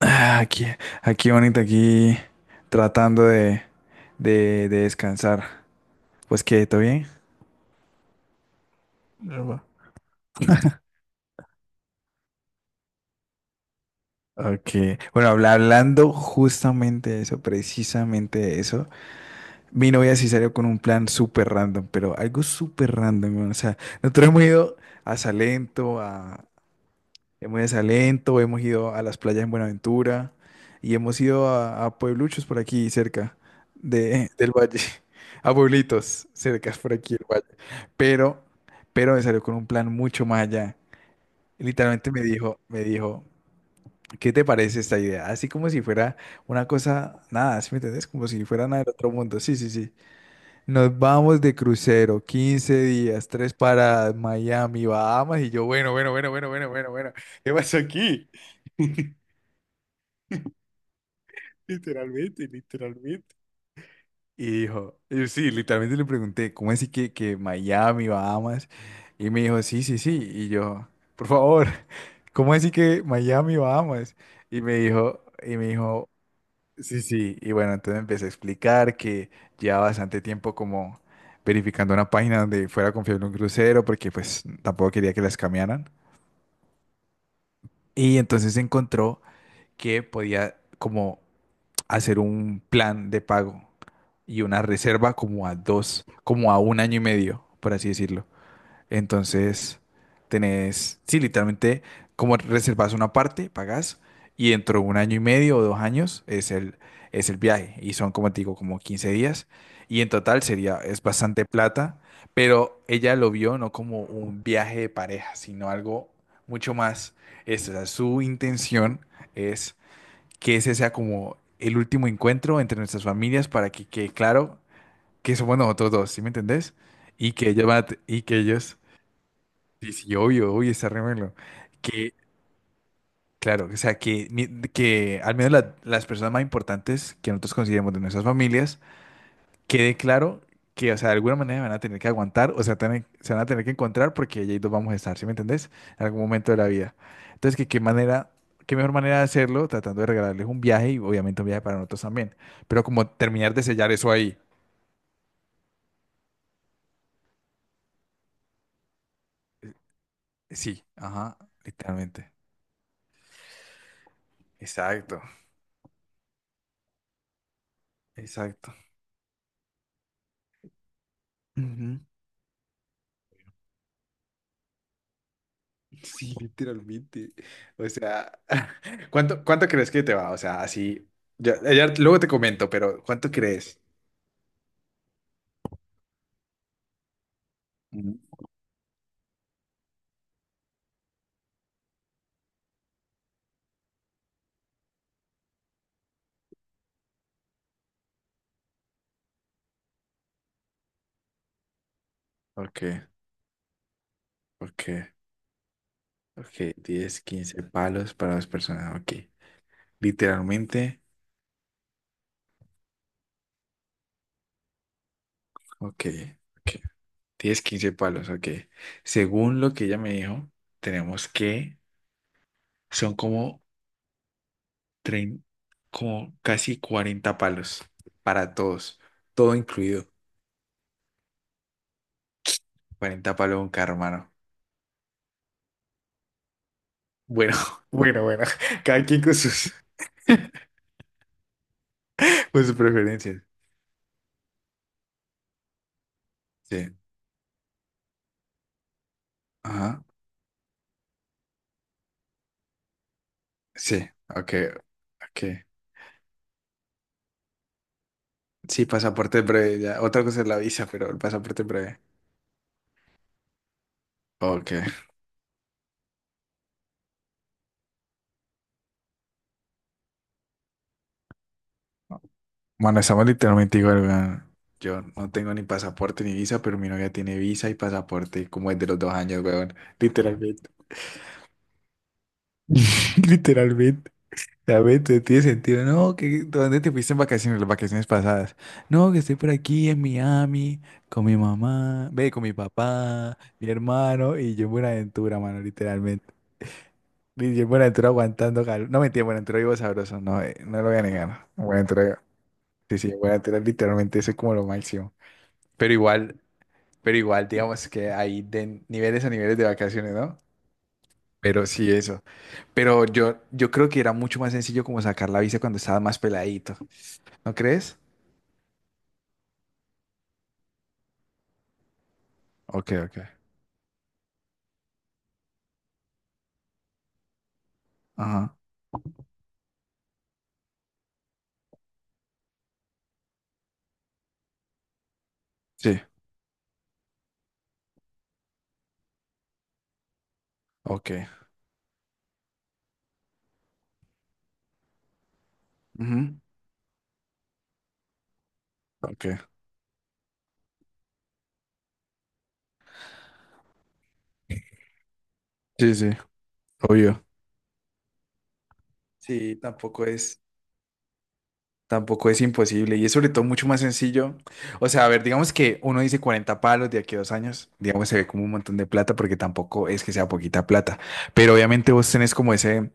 Ah, aquí, aquí bonito aquí tratando de descansar. Pues que, ¿todo bien? Epa. Ok. Bueno, hablando justamente de eso, precisamente de eso, mi novia sí salió con un plan súper random, pero algo súper random, weón. O sea, nosotros hemos ido a Salento, hemos ido a Salento, hemos ido a las playas en Buenaventura y hemos ido a puebluchos por aquí cerca del valle, a pueblitos cercas por aquí del valle. Pero, pero me salió con un plan mucho más allá. Y literalmente me dijo, me dijo: ¿qué te parece esta idea? Así como si fuera una cosa, nada, ¿sí me entendés? Como si fuera nada del otro mundo. Sí, sí, sí. Nos vamos de crucero, 15 días, tres paradas, Miami, Bahamas. Y yo: bueno, bueno, bueno, bueno, bueno, bueno, bueno, ¿qué pasó aquí? Literalmente, literalmente. Y dijo, y sí, literalmente le pregunté: ¿cómo así que Miami, Bahamas? Y me dijo: sí, sí, sí. Y yo: por favor, ¿cómo así que Miami, Bahamas? Y me dijo, y me dijo: sí, sí. Y bueno, entonces empecé a explicar que llevaba bastante tiempo como verificando una página donde fuera confiable un crucero, porque pues tampoco quería que las cambiaran. Y entonces encontró que podía como hacer un plan de pago y una reserva como a dos, como a un año y medio, por así decirlo. Entonces, tenés, sí, literalmente, como reservas una parte, pagas, y dentro de un año y medio o 2 años es el viaje. Y son, como te digo, como 15 días. Y en total sería, es bastante plata, pero ella lo vio no como un viaje de pareja, sino algo mucho más, esto, o sea, su intención es que ese sea como el último encuentro entre nuestras familias para que quede claro que somos nosotros dos, ¿sí me entendés? Y que ellos y que ellos. Sí, sí, obvio, obvio, está remelo. Que, claro, o sea, que, que al menos las personas más importantes que nosotros consideremos de nuestras familias, quede claro que, o sea, de alguna manera van a tener que aguantar, o sea, se van a tener que encontrar porque ahí dos vamos a estar, ¿sí me entendés? En algún momento de la vida. Entonces, que qué manera, qué mejor manera de hacerlo, tratando de regalarles un viaje y obviamente un viaje para nosotros también. Pero como terminar de sellar eso ahí. Sí, ajá, literalmente. Exacto, exacto. Sí, literalmente. O sea, ¿cuánto crees que te va? O sea, así, ya, ya luego te comento, pero ¿cuánto crees? Mm, ok, ok, ok. 10, 15 palos para dos personas. Ok. Literalmente. Ok, ok. Diez 15 palos. Ok. Según lo que ella me dijo, tenemos que son como, trein- como casi 40 palos para todos. Todo incluido. 40 palos un carro, hermano. Bueno, bueno, bueno. Cada quien con sus preferencias. Sí. Ajá. Sí. Ok. Ok. Sí, pasaporte breve. Ya. Otra cosa es la visa, pero el pasaporte breve. Ok. Bueno, estamos literalmente igual, weón. Yo no tengo ni pasaporte ni visa, pero mi novia tiene visa y pasaporte, como es de los 2 años, weón. Literalmente. Literalmente. Ya ve, tiene sentido. No, que ¿dónde te fuiste en vacaciones, las vacaciones pasadas? No, que estoy por aquí en Miami con mi mamá, ve, con mi papá, mi hermano y yo en Buenaventura, mano, literalmente. Y yo en Buenaventura aguantando calor. No mentira, en Buenaventura vivo sabroso, no, no lo voy a negar. En Buenaventura, sí, sí, en Buenaventura literalmente eso es como lo máximo. Pero igual, pero igual, digamos que hay de niveles a niveles de vacaciones, ¿no? Pero sí, eso. Pero yo creo que era mucho más sencillo como sacar la visa cuando estaba más peladito. ¿No crees? Ok, ok. Ajá. Sí, ok. Ujú. Ok. Sí, sí, obvio. Sí, tampoco es, tampoco es imposible y es sobre todo mucho más sencillo. O sea, a ver, digamos que uno dice 40 palos de aquí a 2 años, digamos se ve como un montón de plata porque tampoco es que sea poquita plata, pero obviamente vos tenés como ese,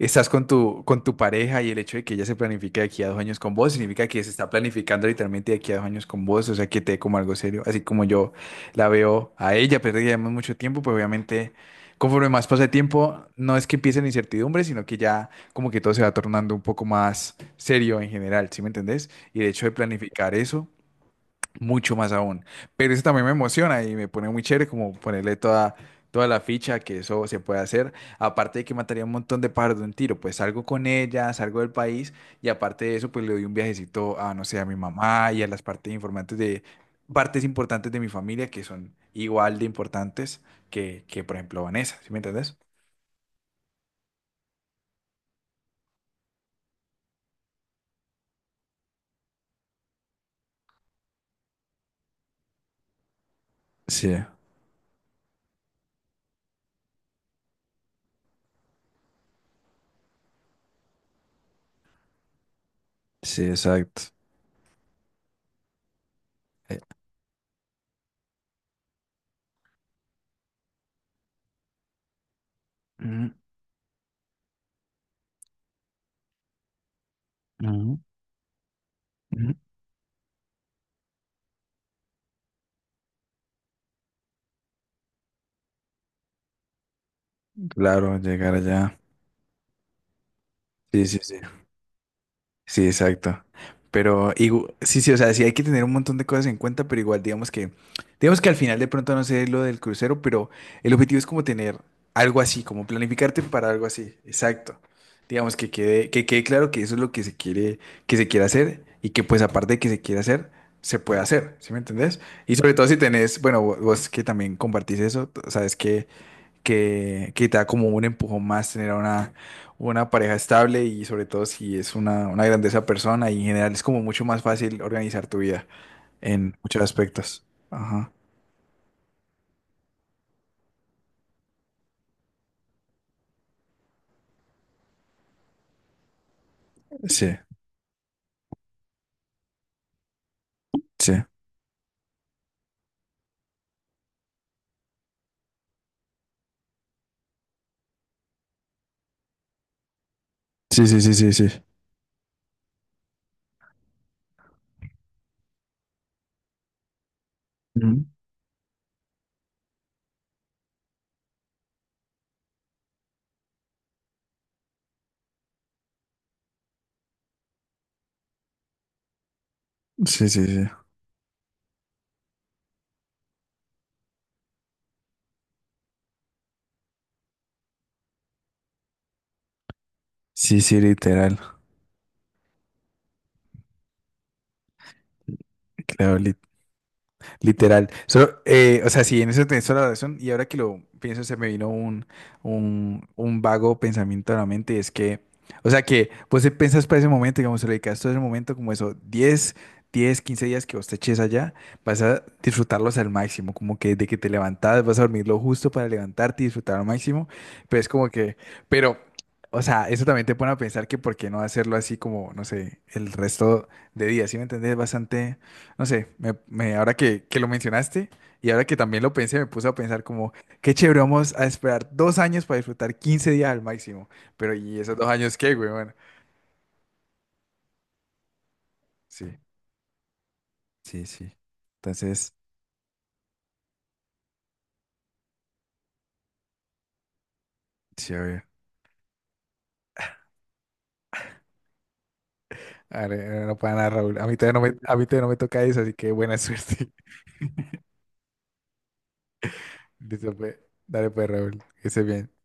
estás con tu pareja y el hecho de que ella se planifique de aquí a 2 años con vos significa que se está planificando literalmente de aquí a 2 años con vos, o sea, que te dé como algo serio, así como yo la veo a ella, pero ya llevamos mucho tiempo, pues obviamente conforme más pasa el tiempo, no es que empiece la incertidumbre, sino que ya como que todo se va tornando un poco más serio en general, ¿sí me entendés? Y el hecho de planificar eso mucho más aún. Pero eso también me emociona y me pone muy chévere como ponerle toda, toda la ficha que eso se puede hacer. Aparte de que mataría un montón de pájaros de un tiro, pues salgo con ella, salgo del país y aparte de eso, pues le doy un viajecito a, no sé, a mi mamá y a las partes informantes de, partes importantes de mi familia que son igual de importantes que por ejemplo, Vanessa, ¿sí me entendés? Sí, sí, exacto. Eh, ujú, ujú, ujú. Claro, llegar allá. Sí, sí, sí. Sí, exacto. Pero sí, sí, o sea, sí hay que tener un montón de cosas en cuenta, pero igual digamos que al final de pronto no sé lo del crucero, pero el objetivo es como tener algo así, como planificarte para algo así, exacto. Digamos que quede claro que eso es lo que se quiere hacer y que pues aparte de que se quiere hacer, se puede hacer, ¿sí me entendés? Y sobre todo si tenés, bueno, vos que también compartís eso, sabes que que te da como un empujón más tener a una pareja estable y sobre todo si es una grandeza persona y en general es como mucho más fácil organizar tu vida en muchos aspectos. Ajá. Sí, sí. Sí, sí, sí, sí, sí. Ujú. Sí, sí, sí. Sí, sí, literal. Claro, literal. Solo, o sea, sí, en eso tenés toda la razón. Y ahora que lo pienso, se me vino un vago pensamiento a la mente. Y es que, o sea, que vos te pensás para ese momento, digamos, se lo dedicas todo ese momento, como eso, 10 15 días que vos te eches allá, vas a disfrutarlos al máximo. Como que desde que te levantás, vas a dormir lo justo para levantarte y disfrutar al máximo. Pero es como que, pero, o sea, eso también te pone a pensar que por qué no hacerlo así como, no sé, el resto de días. ¿Sí me entendés? Bastante. No sé, ahora que, lo mencionaste y ahora que también lo pensé, me puse a pensar como, qué chévere, vamos a esperar 2 años para disfrutar 15 días al máximo. Pero, ¿y esos 2 años qué, güey? Bueno, sí, sí, sí. Entonces, chévere. A ver, no para nada, Raúl. A mí todavía no me toca eso, así que buena suerte. Listo, pues. Dale, pues, Raúl. Que estés bien.